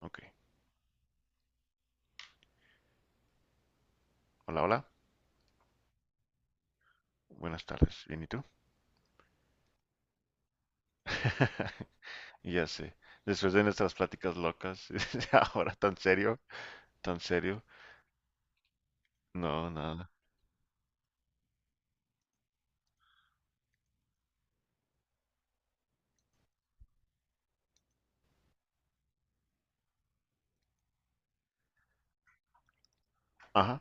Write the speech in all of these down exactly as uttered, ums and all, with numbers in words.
Ok. Hola, hola. Buenas tardes. ¿Bien y tú? Ya sé. Después de nuestras pláticas locas, ahora tan serio, tan serio. No, nada. Ajá.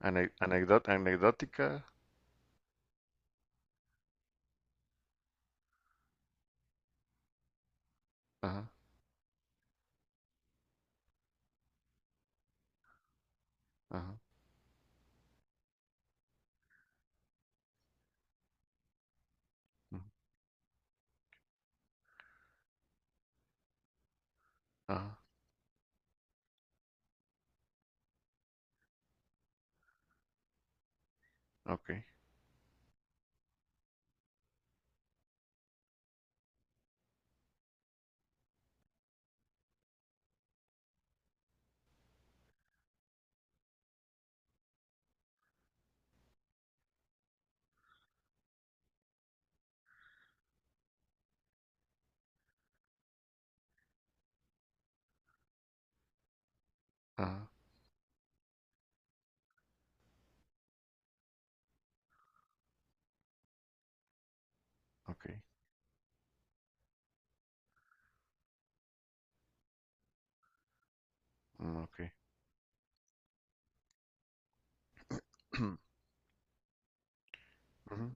Ane- anecdot- anecdótica. Ajá, ajá, ujú, ajá. Ok, ajá, ok, mm, ok. Ujú,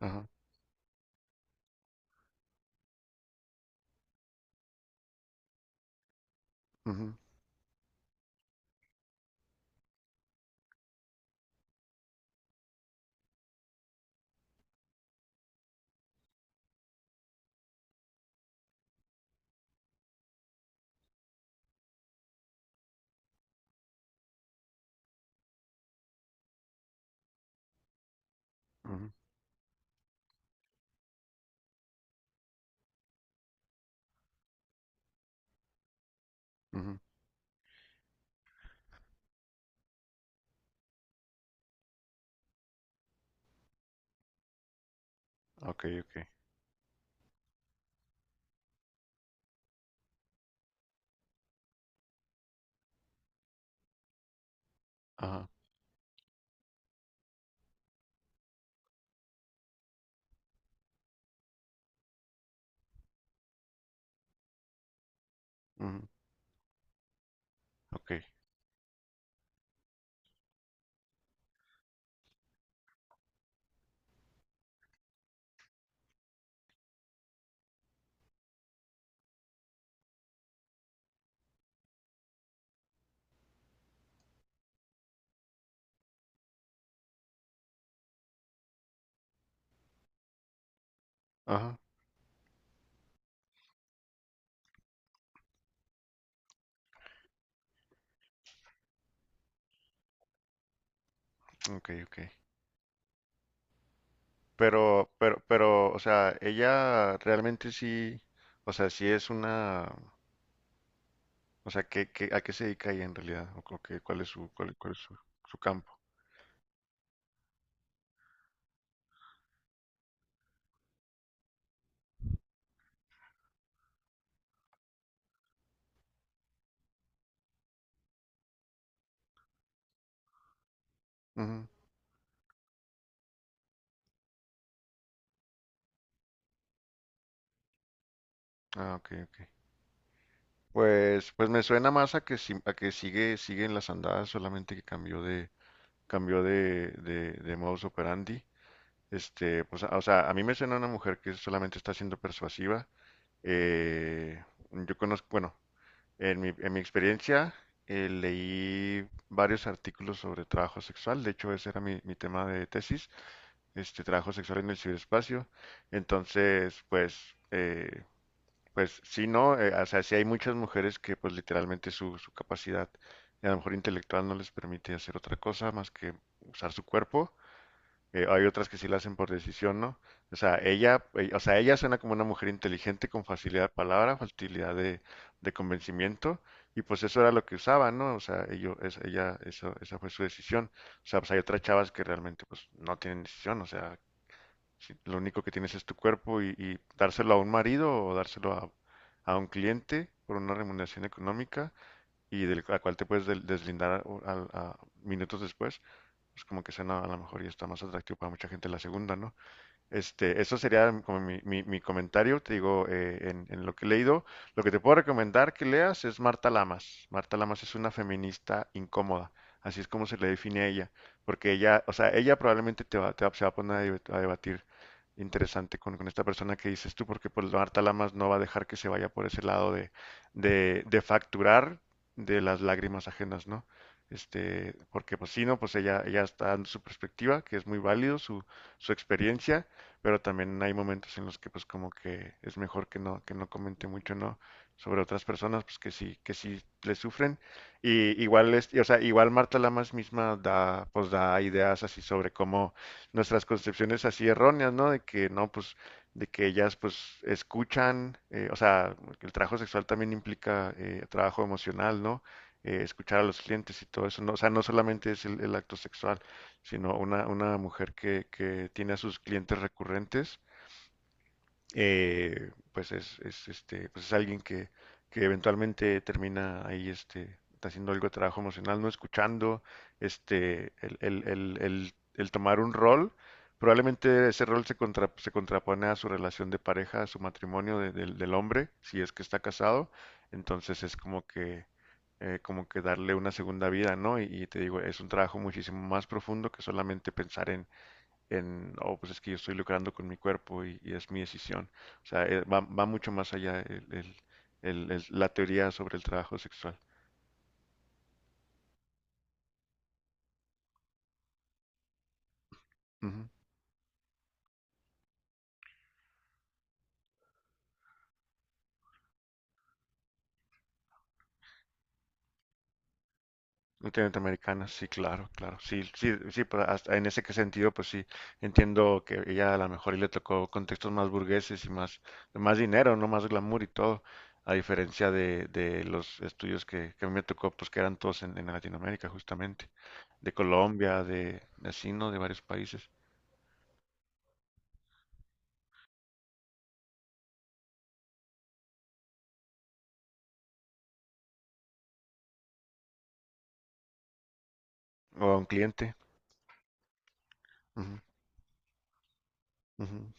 ajá, ujú, ujú, ujú, ok, ok. Ajá, ujú, ok. Ajá, ok, ok. Pero, pero, pero, o sea, ella realmente sí, o sea, sí es una. O sea, ¿qué, qué, a qué se dedica ella en realidad? ¿O co- qué- cuál es su, cuál, cuál es su, su campo? Ujú. Ah, ok, ok. Pues, pues me suena más a que, si- a que sigue, sigue en las andadas, solamente que cambió de, cambió de, de, de modus operandi. Este, pues, a- o sea, a mí me suena una mujer que solamente está siendo persuasiva. Eh, yo conozco, bueno, en mi, en mi experiencia eh, leí varios artículos sobre trabajo sexual. De hecho, ese era mi, mi tema de tesis. Este trabajo sexual en el ciberespacio. Entonces, pues, eh, pues sí, no, Eh, o sea, sí hay muchas mujeres que pues literalmente su, su capacidad, a lo mejor intelectual, no les permite hacer otra cosa más que usar su cuerpo. Eh, hay otras que sí la hacen por decisión, ¿no? O sea, ella, eh, o sea, ella suena como una mujer inteligente con facilidad de palabra, facilidad de, de convencimiento, y pues eso era lo que usaba, ¿no? O sea, ello, es- ella, eso, esa fue su decisión. O sea, pues hay otras chavas que realmente pues no tienen decisión, o sea, si lo único que tienes es tu cuerpo y, y dárselo a un marido o dárselo a, a un cliente por una remuneración económica y del la cual te puedes del- deslindar a- a- a minutos después, pues como que suena a lo mejor y está más atractivo para mucha gente la segunda, ¿no? Este, eso sería como mi, mi- mi comentario, te digo, eh, en, en lo que he leído. Lo que te puedo recomendar que leas es Marta Lamas. Marta Lamas es una feminista incómoda, así es como se le define a ella, porque ella, o sea, ella probablemente te va, te va- se va a poner a debate- a debatir interesante con, con esta persona que dices tú, porque pues Marta Lamas no va a dejar que se vaya por ese lado de, de, de facturar de las lágrimas ajenas, ¿no? Este, porque pues sí, no, pues ella, ella está dando su perspectiva, que es muy válido, su, su experiencia, pero también hay momentos en los que pues como que es mejor que no, que no comente mucho, ¿no? Sobre otras personas, pues que sí, que sí le sufren. Y igual es, y, o sea, igual Marta Lamas misma da, pues da ideas así sobre cómo nuestras concepciones así erróneas, ¿no? De que no, pues, de que ellas pues escuchan, eh, o sea, que el trabajo sexual también implica eh, trabajo emocional, ¿no? Eh, escuchar a los clientes y todo eso, ¿no? O sea, no solamente es el el acto sexual sino una, una mujer que, que tiene a sus clientes recurrentes eh, pues es, es, este, pues es alguien que, que eventualmente termina ahí este, haciendo algo de trabajo emocional, no escuchando, este, el, el, el, el, el tomar un rol. Probablemente ese rol se, contra, se contrapone a su relación de pareja, a su matrimonio de- del del hombre, si es que está casado. Entonces es como que, eh, como que darle una segunda vida, ¿no? Y, y te digo, es un trabajo muchísimo más profundo que solamente pensar en, en, oh, pues es que yo estoy lucrando con mi cuerpo y, y es mi decisión. O sea, eh, va, va mucho más allá el- el- el- el- la teoría sobre el trabajo sexual. Ujú. Netamente americana, sí, claro, claro. Sí, sí, sí, pero hasta en ese que sentido, pues sí, entiendo que ella a lo mejor y le tocó contextos más burgueses y más, más dinero, no más glamour y todo, a diferencia de, de los estudios que, que a mí me tocó, pues que eran todos en, en Latinoamérica, justamente, de Colombia, de, de así, ¿no? De varios países, o a un cliente. Ujú,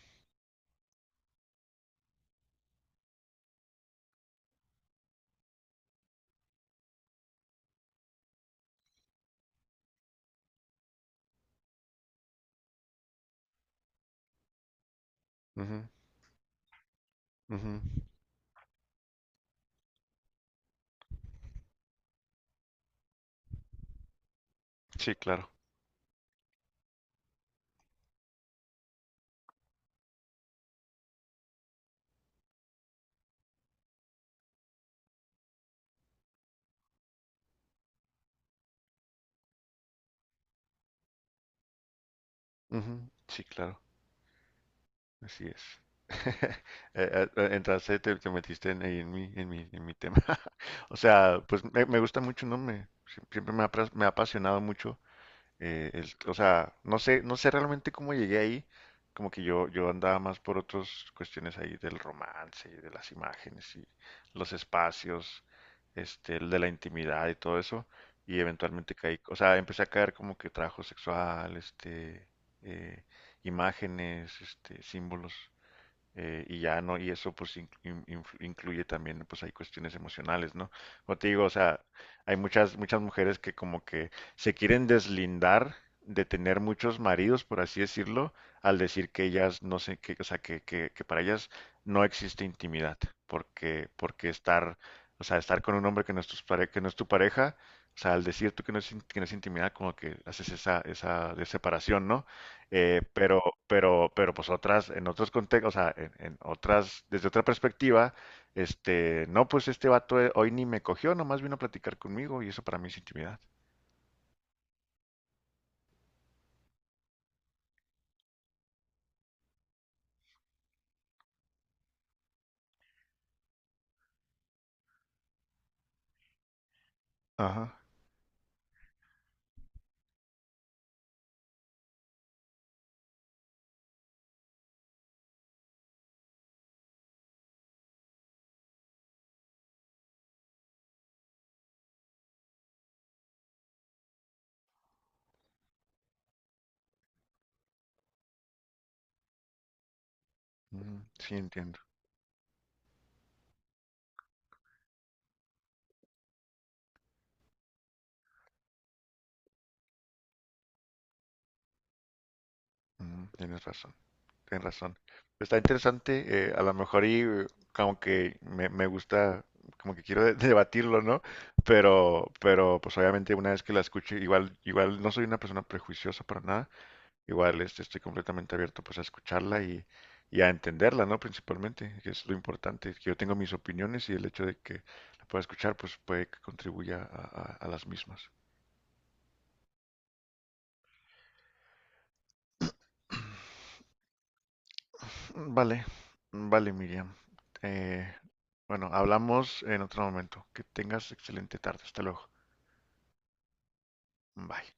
ujú, ujú. Sí, claro. Ujú, sí, claro. Así es. Eh, eh, Entraste, te, te metiste en, ahí en mi, en mi, en mi tema. O sea, pues me, me gusta mucho, ¿no? Me, si, siempre me ha, apras- me ha apasionado mucho. Eh, el- o sea, no sé, no sé realmente cómo llegué ahí. Como que yo, yo andaba más por otras cuestiones ahí del romance y de las imágenes y los espacios, este, el de la intimidad y todo eso. Y eventualmente caí, o sea, empecé a caer como que trabajo sexual, este, eh, imágenes, este, símbolos. Eh, y ya no, y eso pues in- in- influ- incluye también pues hay cuestiones emocionales, ¿no? Como te digo, o sea, hay muchas, muchas mujeres que como que se quieren deslindar de tener muchos maridos, por así decirlo, al decir que ellas no sé qué, o sea, que, que, que para ellas no existe intimidad, porque, porque estar, o sea, estar con un hombre que no es tu pare- que no es tu pareja, o sea, al decir tú que no es, in- que no es intimidad, como que haces esa, esa separación, ¿no? Eh, pero, pero, pero pues otras, en otros contextos, o sea, en, en otras, desde otra perspectiva, este, no, pues este vato eh, hoy ni me cogió, nomás vino a platicar conmigo y eso para mí es intimidad. Ajá, ujú, sí entiendo, ujú, tienes razón, tienes razón. Está interesante, eh, a lo mejor y eh, como que me, me gusta, como que quiero de- debatirlo, ¿no? Pero, pero pues obviamente una vez que la escuche, igual, igual no soy una persona prejuiciosa para nada, igual, este, estoy completamente abierto pues a escucharla y, y a entenderla, ¿no? Principalmente, que es lo importante, que yo tengo mis opiniones y el hecho de que la pueda escuchar pues puede que contribuya a, a- a las mismas. Vale, vale, Miriam. Eh, bueno, hablamos en otro momento. Que tengas excelente tarde. Hasta luego. Bye.